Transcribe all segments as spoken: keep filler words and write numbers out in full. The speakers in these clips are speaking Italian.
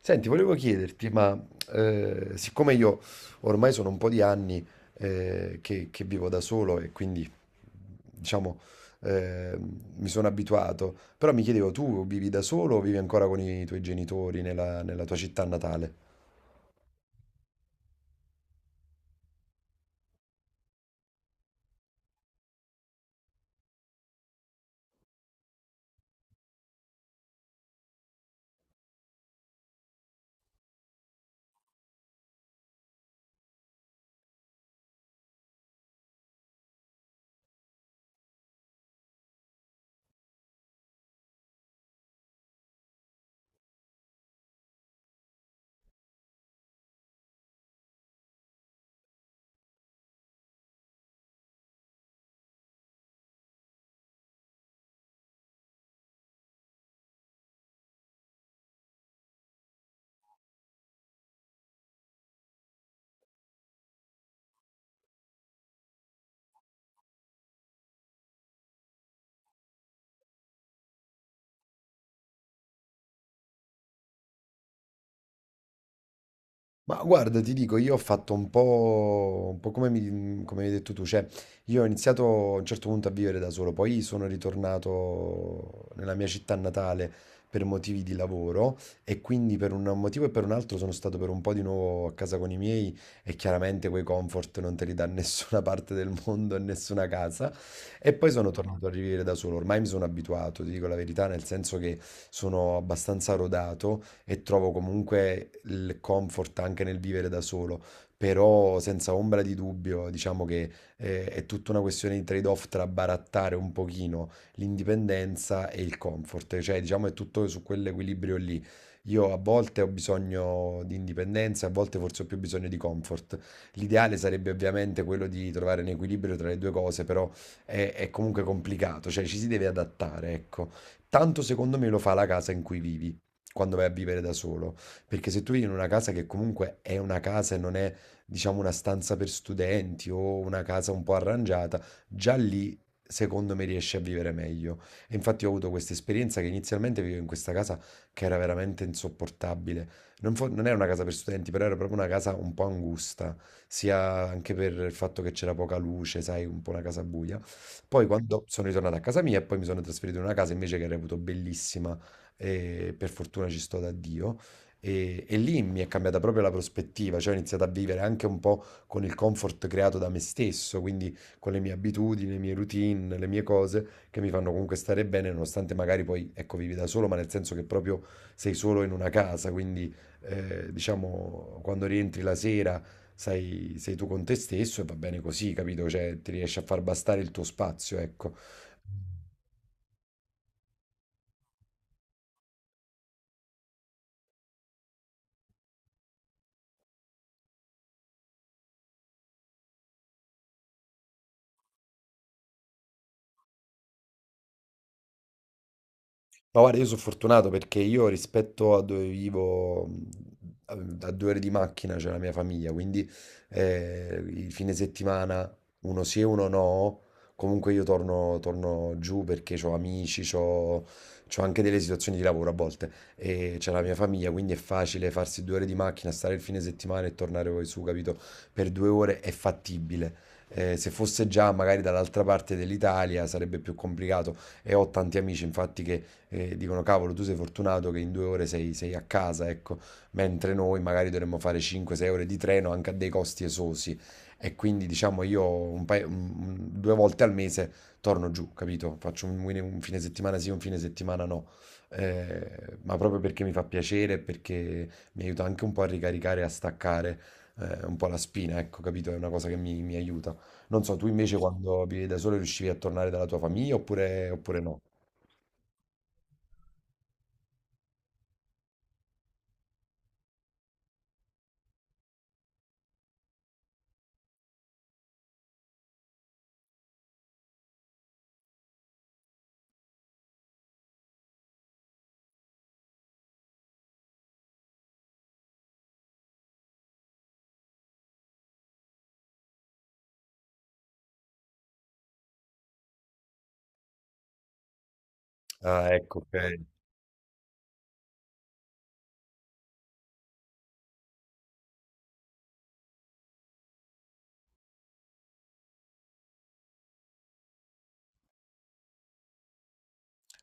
Senti, volevo chiederti, ma eh, siccome io ormai sono un po' di anni eh, che, che vivo da solo e quindi, diciamo, eh, mi sono abituato, però mi chiedevo, tu vivi da solo o vivi ancora con i tuoi genitori nella, nella tua città natale? Ma guarda, ti dico, io ho fatto un po', un po' come mi- come hai detto tu, cioè io ho iniziato a un certo punto a vivere da solo, poi sono ritornato nella mia città natale per motivi di lavoro e quindi per un motivo e per un altro sono stato per un po' di nuovo a casa con i miei e chiaramente quei comfort non te li dà nessuna parte del mondo e nessuna casa e poi sono No. tornato a vivere da solo. Ormai mi sono abituato, ti dico la verità, nel senso che sono abbastanza rodato e trovo comunque il comfort anche nel vivere da solo, però senza ombra di dubbio, diciamo che eh, è tutta una questione di trade-off tra barattare un pochino l'indipendenza e il comfort, cioè diciamo è tutto su quell'equilibrio lì. Io a volte ho bisogno di indipendenza, a volte forse ho più bisogno di comfort. L'ideale sarebbe ovviamente quello di trovare un equilibrio tra le due cose, però è, è comunque complicato, cioè ci si deve adattare, ecco. Tanto secondo me lo fa la casa in cui vivi quando vai a vivere da solo. Perché se tu vivi in una casa che comunque è una casa e non è, diciamo, una stanza per studenti o una casa un po' arrangiata, già lì secondo me riesci a vivere meglio. E infatti ho avuto questa esperienza che inizialmente vivevo in questa casa che era veramente insopportabile. Non, fo- non era una casa per studenti, però era proprio una casa un po' angusta, sia anche per il fatto che c'era poca luce, sai, un po' una casa buia. Poi quando sono ritornato a casa mia e poi mi sono trasferito in una casa invece che reputo bellissima e per fortuna ci sto da Dio. E, e lì mi è cambiata proprio la prospettiva, cioè ho iniziato a vivere anche un po' con il comfort creato da me stesso, quindi con le mie abitudini, le mie routine, le mie cose che mi fanno comunque stare bene, nonostante magari poi, ecco, vivi da solo, ma nel senso che proprio sei solo in una casa, quindi eh, diciamo quando rientri la sera sei, sei tu con te stesso e va bene così, capito? Cioè ti riesci a far bastare il tuo spazio, ecco. Ma guarda, io sono fortunato perché io rispetto a dove vivo, mh, a a due ore di macchina c'è la mia famiglia, quindi eh, il fine settimana, uno sì e uno no, comunque io torno, torno giù perché ho amici, ho anche delle situazioni di lavoro a volte e c'è la mia famiglia, quindi è facile farsi due ore di macchina, stare il fine settimana e tornare poi su, capito? Per due ore è fattibile. Eh, se fosse già magari dall'altra parte dell'Italia sarebbe più complicato e ho tanti amici infatti che e dicono cavolo, tu sei fortunato che in due ore sei, sei a casa, ecco, mentre noi magari dovremmo fare cinque sei ore di treno anche a dei costi esosi. E quindi diciamo io un paio- un- due volte al mese torno giù, capito? Faccio un, un fine settimana sì, un fine settimana no. Eh, ma proprio perché mi fa piacere, e perché mi aiuta anche un po' a ricaricare, e a staccare eh, un po' la spina, ecco, capito? È una cosa che mi, mi aiuta. Non so, tu invece quando vivi da solo riuscivi a tornare dalla tua famiglia oppure, oppure no? Ah, ecco, ok.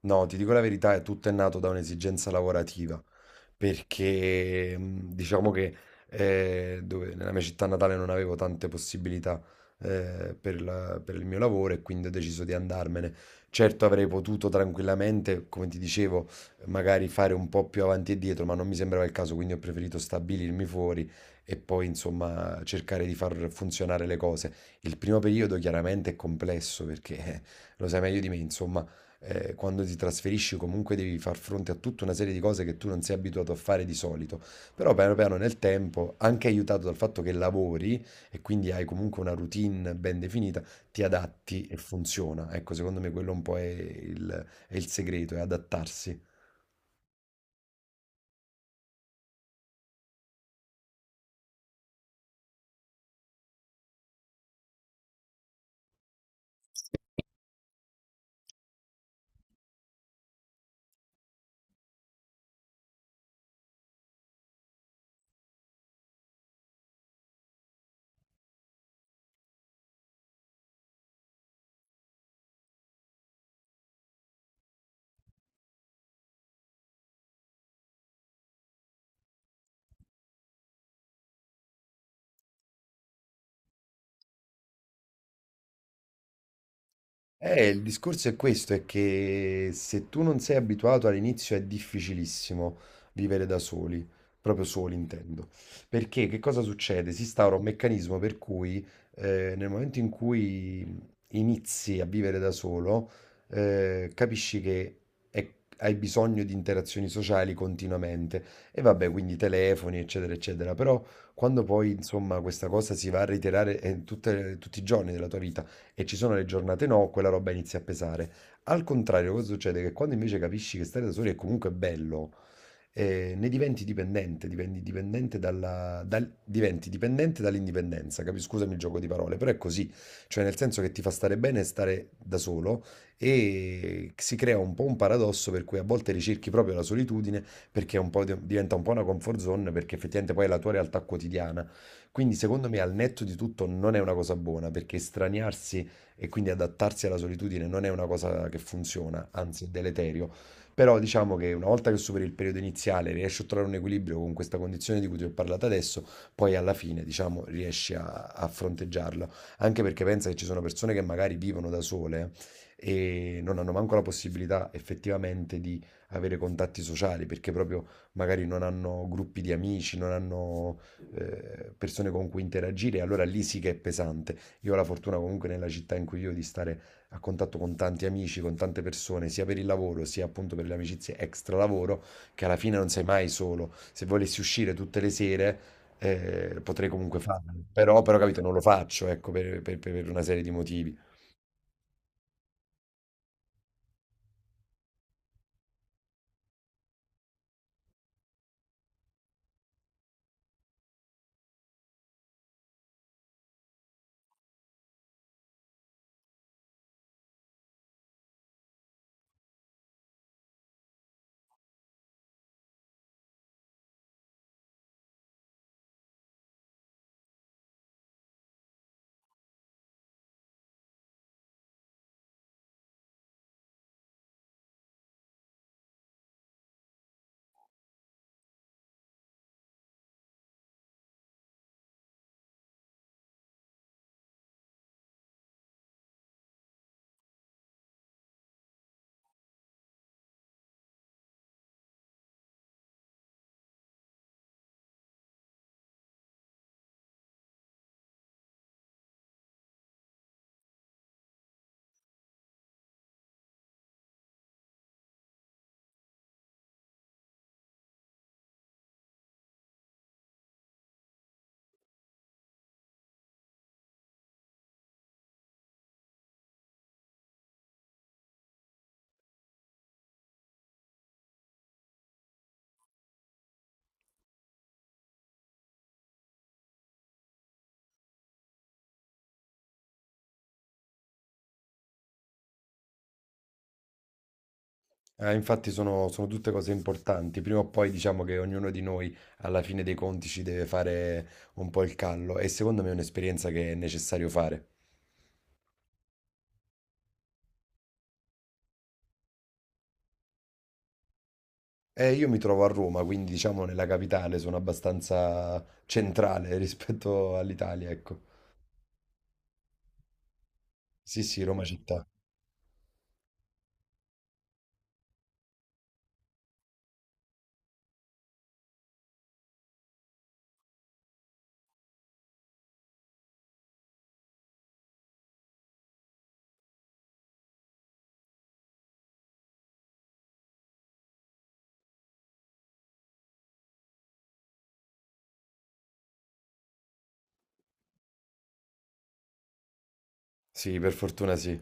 No, ti dico la verità, è tutto è nato da un'esigenza lavorativa, perché mh, diciamo che eh, dove- nella mia città natale non avevo tante possibilità eh, per la- per il mio lavoro e quindi ho deciso di andarmene. Certo avrei potuto tranquillamente, come ti dicevo, magari fare un po' più avanti e dietro, ma non mi sembrava il caso, quindi ho preferito stabilirmi fuori e poi insomma cercare di far funzionare le cose. Il primo periodo chiaramente è complesso perché lo sai meglio di me, insomma eh, quando ti trasferisci comunque devi far fronte a tutta una serie di cose che tu non sei abituato a fare di solito. Però piano piano nel tempo, anche aiutato dal fatto che lavori e quindi hai comunque una routine ben definita, ti adatti e funziona. Ecco, secondo me quello un po' è il, è il segreto, è adattarsi. Eh, il discorso è questo, è che se tu non sei abituato all'inizio è difficilissimo vivere da soli, proprio soli intendo, perché che cosa succede? Si instaura un meccanismo per cui eh, nel momento in cui inizi a vivere da solo, eh, capisci che è- hai bisogno di interazioni sociali continuamente e vabbè, quindi telefoni, eccetera, eccetera, però quando poi insomma questa cosa si va a reiterare eh, tutte- tutti i giorni della tua vita, e ci sono le giornate no, quella roba inizia a pesare. Al contrario, cosa succede? Che quando invece capisci che stare da soli è comunque bello, eh, ne diventi dipendente, diventi dipendente dalla, dal- diventi dipendente dall'indipendenza, capi- scusami il gioco di parole, però è così, cioè nel senso che ti fa stare bene stare da solo e si crea un po' un paradosso per cui a volte ricerchi proprio la solitudine perché è un po' di- diventa un po' una comfort zone perché effettivamente poi è la tua realtà quotidiana. Quindi secondo me al netto di tutto non è una cosa buona perché estraniarsi e quindi adattarsi alla solitudine non è una cosa che funziona, anzi è deleterio. Però diciamo che una volta che superi il periodo iniziale, riesci a trovare un equilibrio con questa condizione di cui ti ho parlato adesso, poi alla fine, diciamo, riesci a, a fronteggiarlo. Anche perché pensa che ci sono persone che magari vivono da sole e non hanno manco la possibilità effettivamente di avere contatti sociali, perché proprio magari non hanno gruppi di amici, non hanno eh, persone con cui interagire, e allora lì sì che è pesante. Io ho la fortuna comunque nella città in cui vivo di stare a contatto con tanti amici, con tante persone, sia per il lavoro, sia appunto per le amicizie extra lavoro, che alla fine non sei mai solo. Se volessi uscire tutte le sere, eh, potrei comunque farlo. Però, però, capito, non lo faccio, ecco, per, per- per una serie di motivi. Eh, infatti sono, sono tutte cose importanti. Prima o poi diciamo che ognuno di noi alla fine dei conti ci deve fare un po' il callo e secondo me è un'esperienza che è necessario fare. Eh, io mi trovo a Roma, quindi diciamo nella capitale, sono abbastanza centrale rispetto all'Italia, ecco. Sì, sì, Roma città. Sì, per fortuna sì.